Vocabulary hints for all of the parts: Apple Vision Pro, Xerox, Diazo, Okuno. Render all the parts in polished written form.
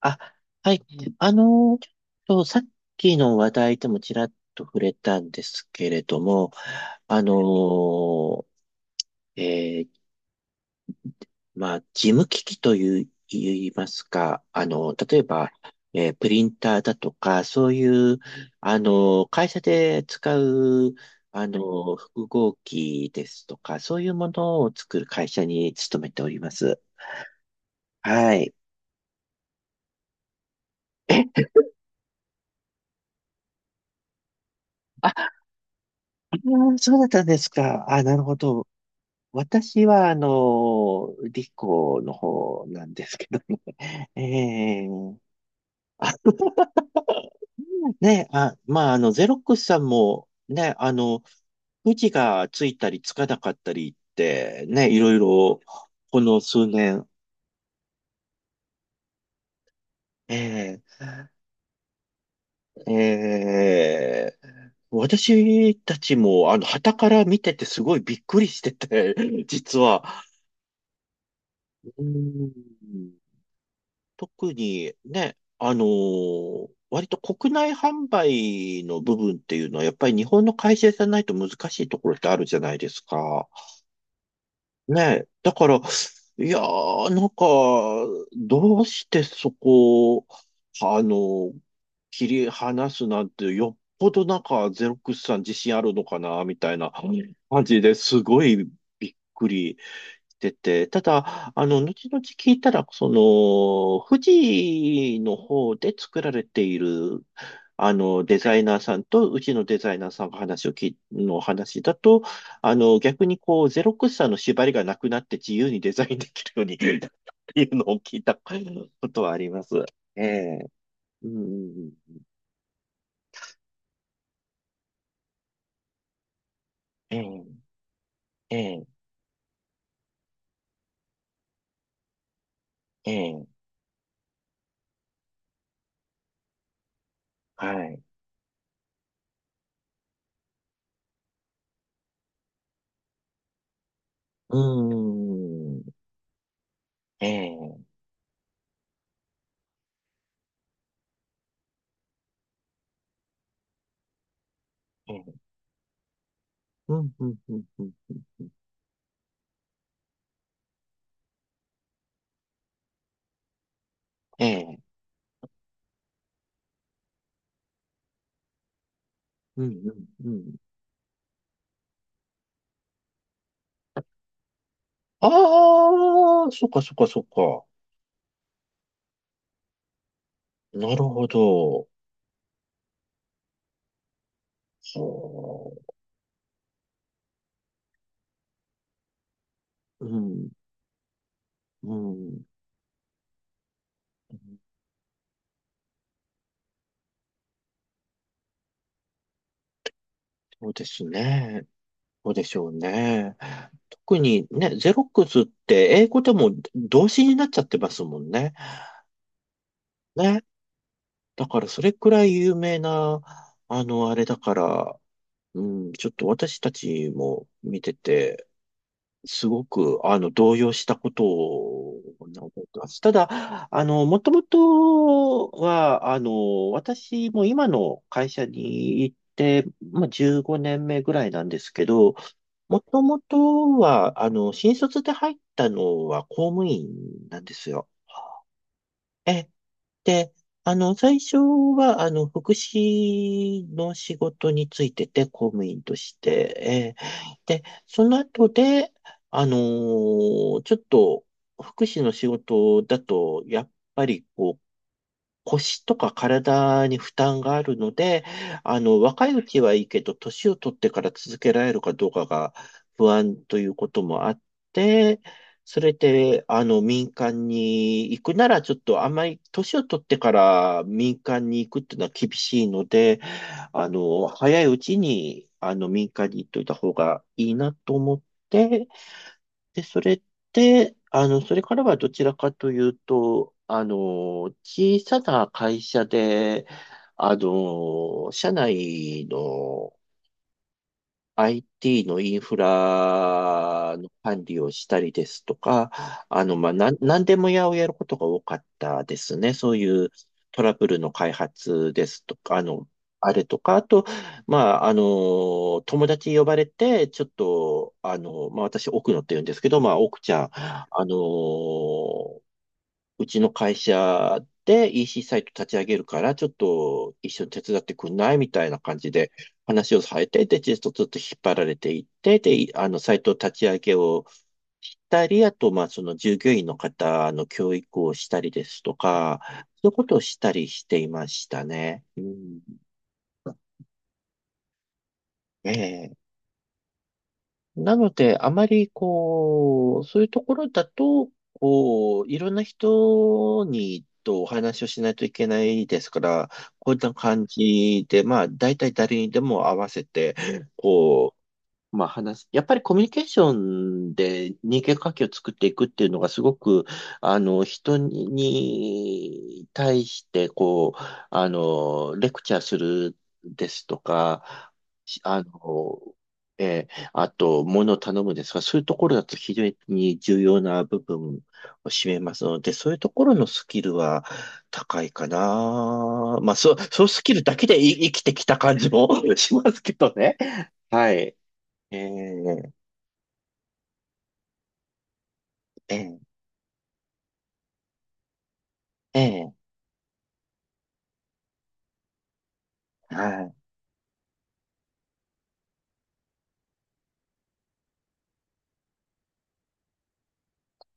あ、はい。うん、あの、ちょっとさっきの話題でもちらっと触れたんですけれども、あの、えー事務機器という、言いますか、例えば、プリンターだとか、そういう、あの、会社で使う、複合機ですとか、そういうものを作る会社に勤めております。はい。え、あ、そうだったんですか。あ、なるほど。私は、理工の方なんですけどね。えーね、あ、まあ、ゼロックスさんも、ね、富士がついたりつかなかったりって、ね、いろいろ、この数年、えーえー私たちも、傍から見ててすごいびっくりしてて、実は。うん、特にね、割と国内販売の部分っていうのは、やっぱり日本の会社じゃないと難しいところってあるじゃないですか。ね、だから、いやー、なんか、どうしてそこを、あの、切り離すなんて、よっぽどなんか、ゼロックスさん自信あるのかな、みたいな感じですごいびっくりてて、ただ、後々聞いたら、その、富士の方で作られている、デザイナーさんと、うちのデザイナーさんが話をき、の話だと、逆にこう、ゼロクスさんの縛りがなくなって自由にデザインできるように っていうのを聞いたことはあります。ええ、うん、ええ、ええ、ええ、はい。うん、ええ、ええ、うん、うん、うん、うん、うんええ。うん、うん、うん。ああ、そっかそっかそっか。なるほど。そう。うん、うん。そうですね。そうでしょうね。特にね、ゼロックスって英語でも動詞になっちゃってますもんね。ね。だからそれくらい有名な、あれだから、うん、ちょっと私たちも見てて、すごく、動揺したことを覚えてます。ただ、もともとは、私も今の会社に行って、まあ、15年目ぐらいなんですけど、もともとは、新卒で入ったのは公務員なんですよ。えで、あの、最初は、福祉の仕事についてて、公務員として、で、その後で、ちょっと、福祉の仕事だと、やっぱり、こう、腰とか体に負担があるので、若いうちはいいけど、年を取ってから続けられるかどうかが不安ということもあって、それで、民間に行くなら、ちょっとあんまり、年を取ってから民間に行くっていうのは厳しいので、早いうちに、民間に行っといた方がいいなと思って、で、それって、あの、それからはどちらかというと、小さな会社で、社内の IT のインフラの管理をしたりですとか、なんでも屋をやることが多かったですね。そういうトラブルの開発ですとか、あれとか、あと、まあ、友達呼ばれて、ちょっと、あの、まあ、私、奥野って言うんですけど、まあ、奥ちゃん、うちの会社で EC サイト立ち上げるから、ちょっと一緒に手伝ってくんないみたいな感じで話をされて、で、ちょっとずっと引っ張られていって、で、サイト立ち上げをしたり、あと、まあ、その従業員の方の教育をしたりですとか、そういうことをしたりしていましたね。うん、ええなので、あまり、こう、そういうところだと、こう、いろんな人とお話をしないといけないですから、こういった感じで、まあ、大体誰にでも合わせて、こう、まあ話す、やっぱりコミュニケーションで人間関係を作っていくっていうのがすごく、人に対して、こう、レクチャーするですとか、しあの、えーあと、物を頼むですが、そういうところだと非常に重要な部分を占めますので、そういうところのスキルは高いかな。まあ、そうスキルだけで生きてきた感じも しますけどね。はい。ええ、ええ、ええ、はい、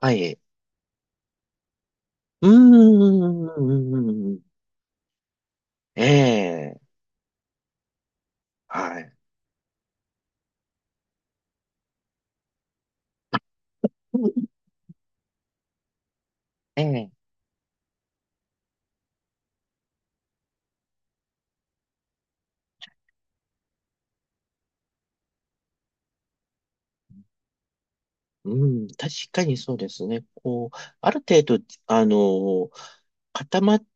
はい。うーん、ええ、はい。ええ、うん、確かにそうですね。こう、ある程度、あの、固まっ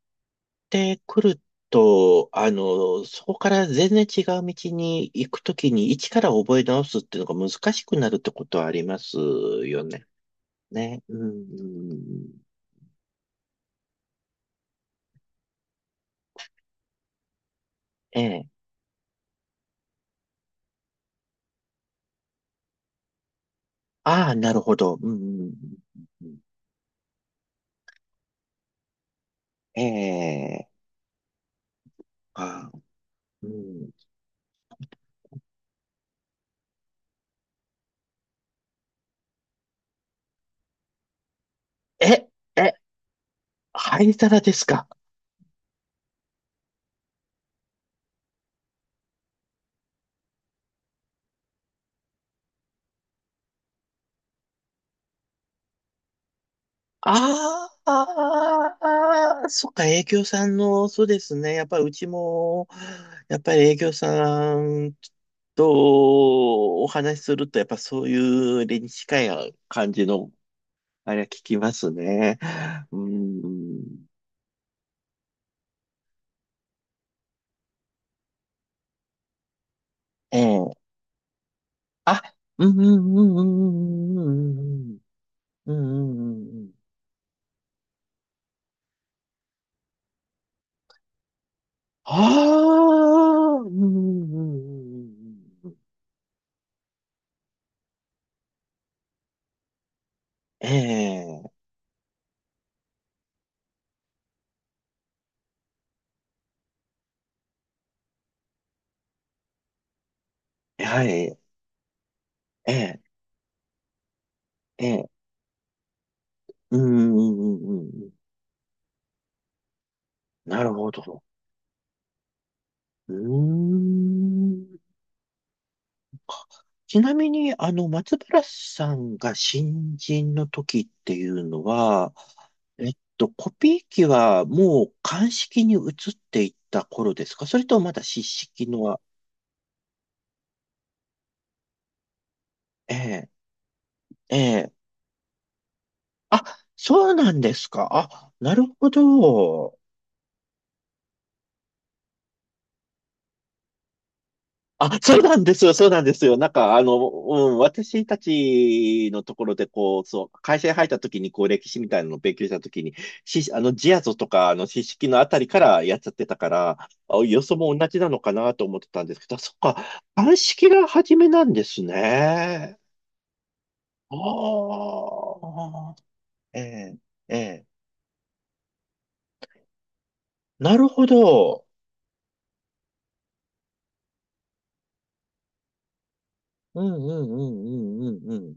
てくると、そこから全然違う道に行くときに、一から覚え直すっていうのが難しくなるってことはありますよね。ね。うん、うんええ。ああ、なるほど。うん、うんうんええ、あうん、え、え、灰皿ですか。あーあー、そっか、営業さんの、そうですね。やっぱりうちも、やっぱり営業さんとお話しすると、やっぱそういう理に近い感じの、あれは聞きますね。うん。ええ、あ、うんうんうんうんうんうんうんうんうんうんうんうんうん。ああ、うん、うん、うん、うんうんええ、はい、ええ、ええ、うん、うん、うん、うんうん。なるほど。うーん。ちなみに、松原さんが新人の時っていうのは、えっと、コピー機はもう鑑識に移っていった頃ですか、それともまだ湿式のは、ええ、ええ。あ、そうなんですか。あ、なるほど。あ、そうなんですよ、そうなんですよ。なんか、うん、私たちのところで、こう、そう、会社に入った時に、こう、歴史みたいなのを勉強した時に、し、あの、ジアゾとか、四式のあたりからやっちゃってたから、あ、よそも同じなのかなと思ってたんですけど、そっか、鑑識が初めなんですね。ああ、ええ、ええ。なるほど。うん、うん、うん、うん、うん、うん。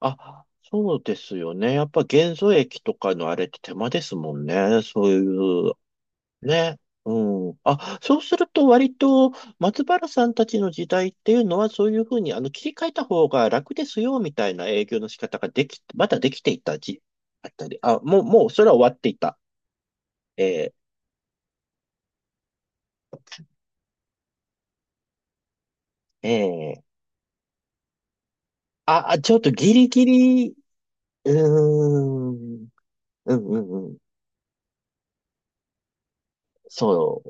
あ、そうですよね。やっぱ元素液とかのあれって手間ですもんね。そういう、ね。うん。あ、そうすると割と松原さんたちの時代っていうのはそういうふうに切り替えた方が楽ですよみたいな営業の仕方ができ、まだできていた時あったり。あ、もう、もうそれは終わっていた。えー、えー、あ、あちょっとギリギリ、うーん、うんうんうん。そ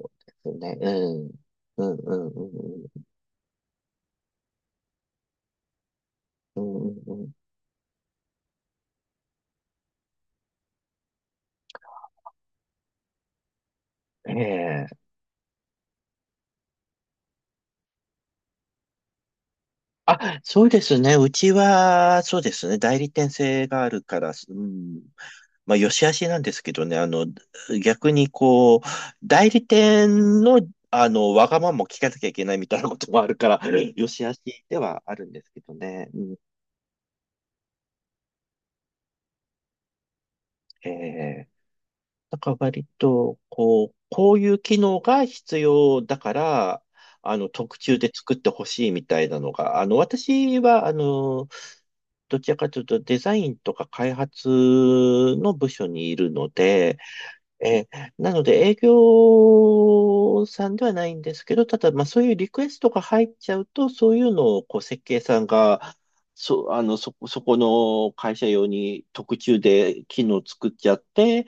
うですね。うん。うんうんうんうん。うんうんうんええ。あ、そうですね。うちは、そうですね。代理店制があるから、うん、まあ、よし悪しなんですけどね。逆にこう、代理店のわがままも聞かなきゃいけないみたいなこともあるから、よし悪しではあるんですけどね。うん、ええなんから割と、こう、こういう機能が必要だから、特注で作ってほしいみたいなのが、あの、私は、どちらかというとデザインとか開発の部署にいるので、なので営業さんではないんですけど、ただ、まあそういうリクエストが入っちゃうと、そういうのをこう設計さんが、そ、あの、そこ、そこの会社用に特注で機能作っちゃって、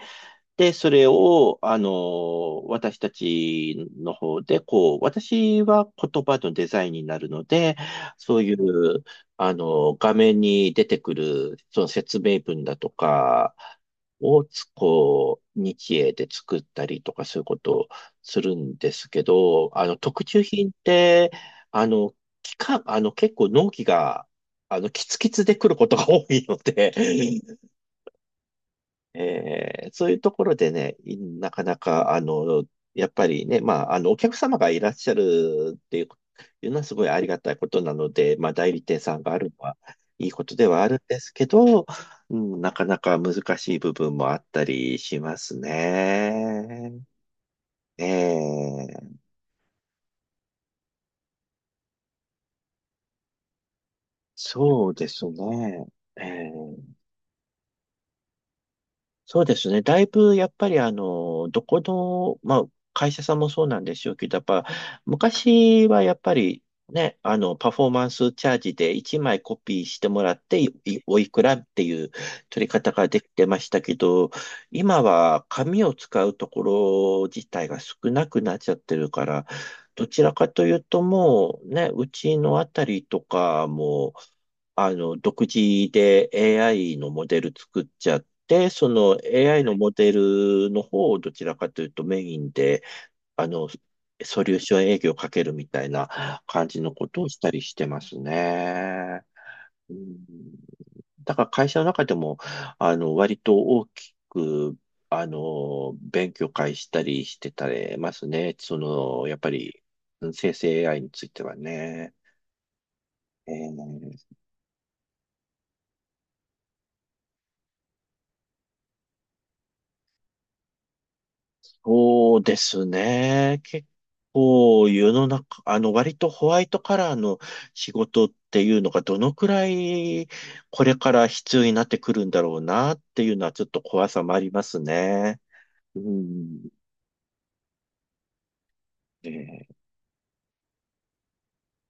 で、それを、私たちの方で、こう、私は言葉のデザインになるので、そういう、画面に出てくる、その説明文だとかをこう、日英で作ったりとか、そういうことをするんですけど、特注品って、あの、期間、あの、結構納期が、キツキツで来ることが多いので、そういうところでね、なかなか、やっぱりね、まあ、お客様がいらっしゃるっていうのはすごいありがたいことなので、まあ、代理店さんがあるのはいいことではあるんですけど、うん、なかなか難しい部分もあったりしますね。えーそうですね。えーそうですね。だいぶ、やっぱり、どこの、まあ、会社さんもそうなんでしょうけど、やっぱ、昔はやっぱり、ね、パフォーマンスチャージで1枚コピーしてもらって、おいくらっていう取り方ができてましたけど、今は紙を使うところ自体が少なくなっちゃってるから、どちらかというともう、ね、うちのあたりとかも、独自で AI のモデル作っちゃって、その AI のモデルの方をどちらかというとメインで、あの、ソリューション営業をかけるみたいな感じのことをしたりしてますね。うん、だから会社の中でも、割と大きく、勉強会したりしてたりますね。その、やっぱり、うん、生成 AI についてはね。えーそうですね。結構世の中、あの割とホワイトカラーの仕事っていうのがどのくらいこれから必要になってくるんだろうなっていうのはちょっと怖さもありますね。うん。ね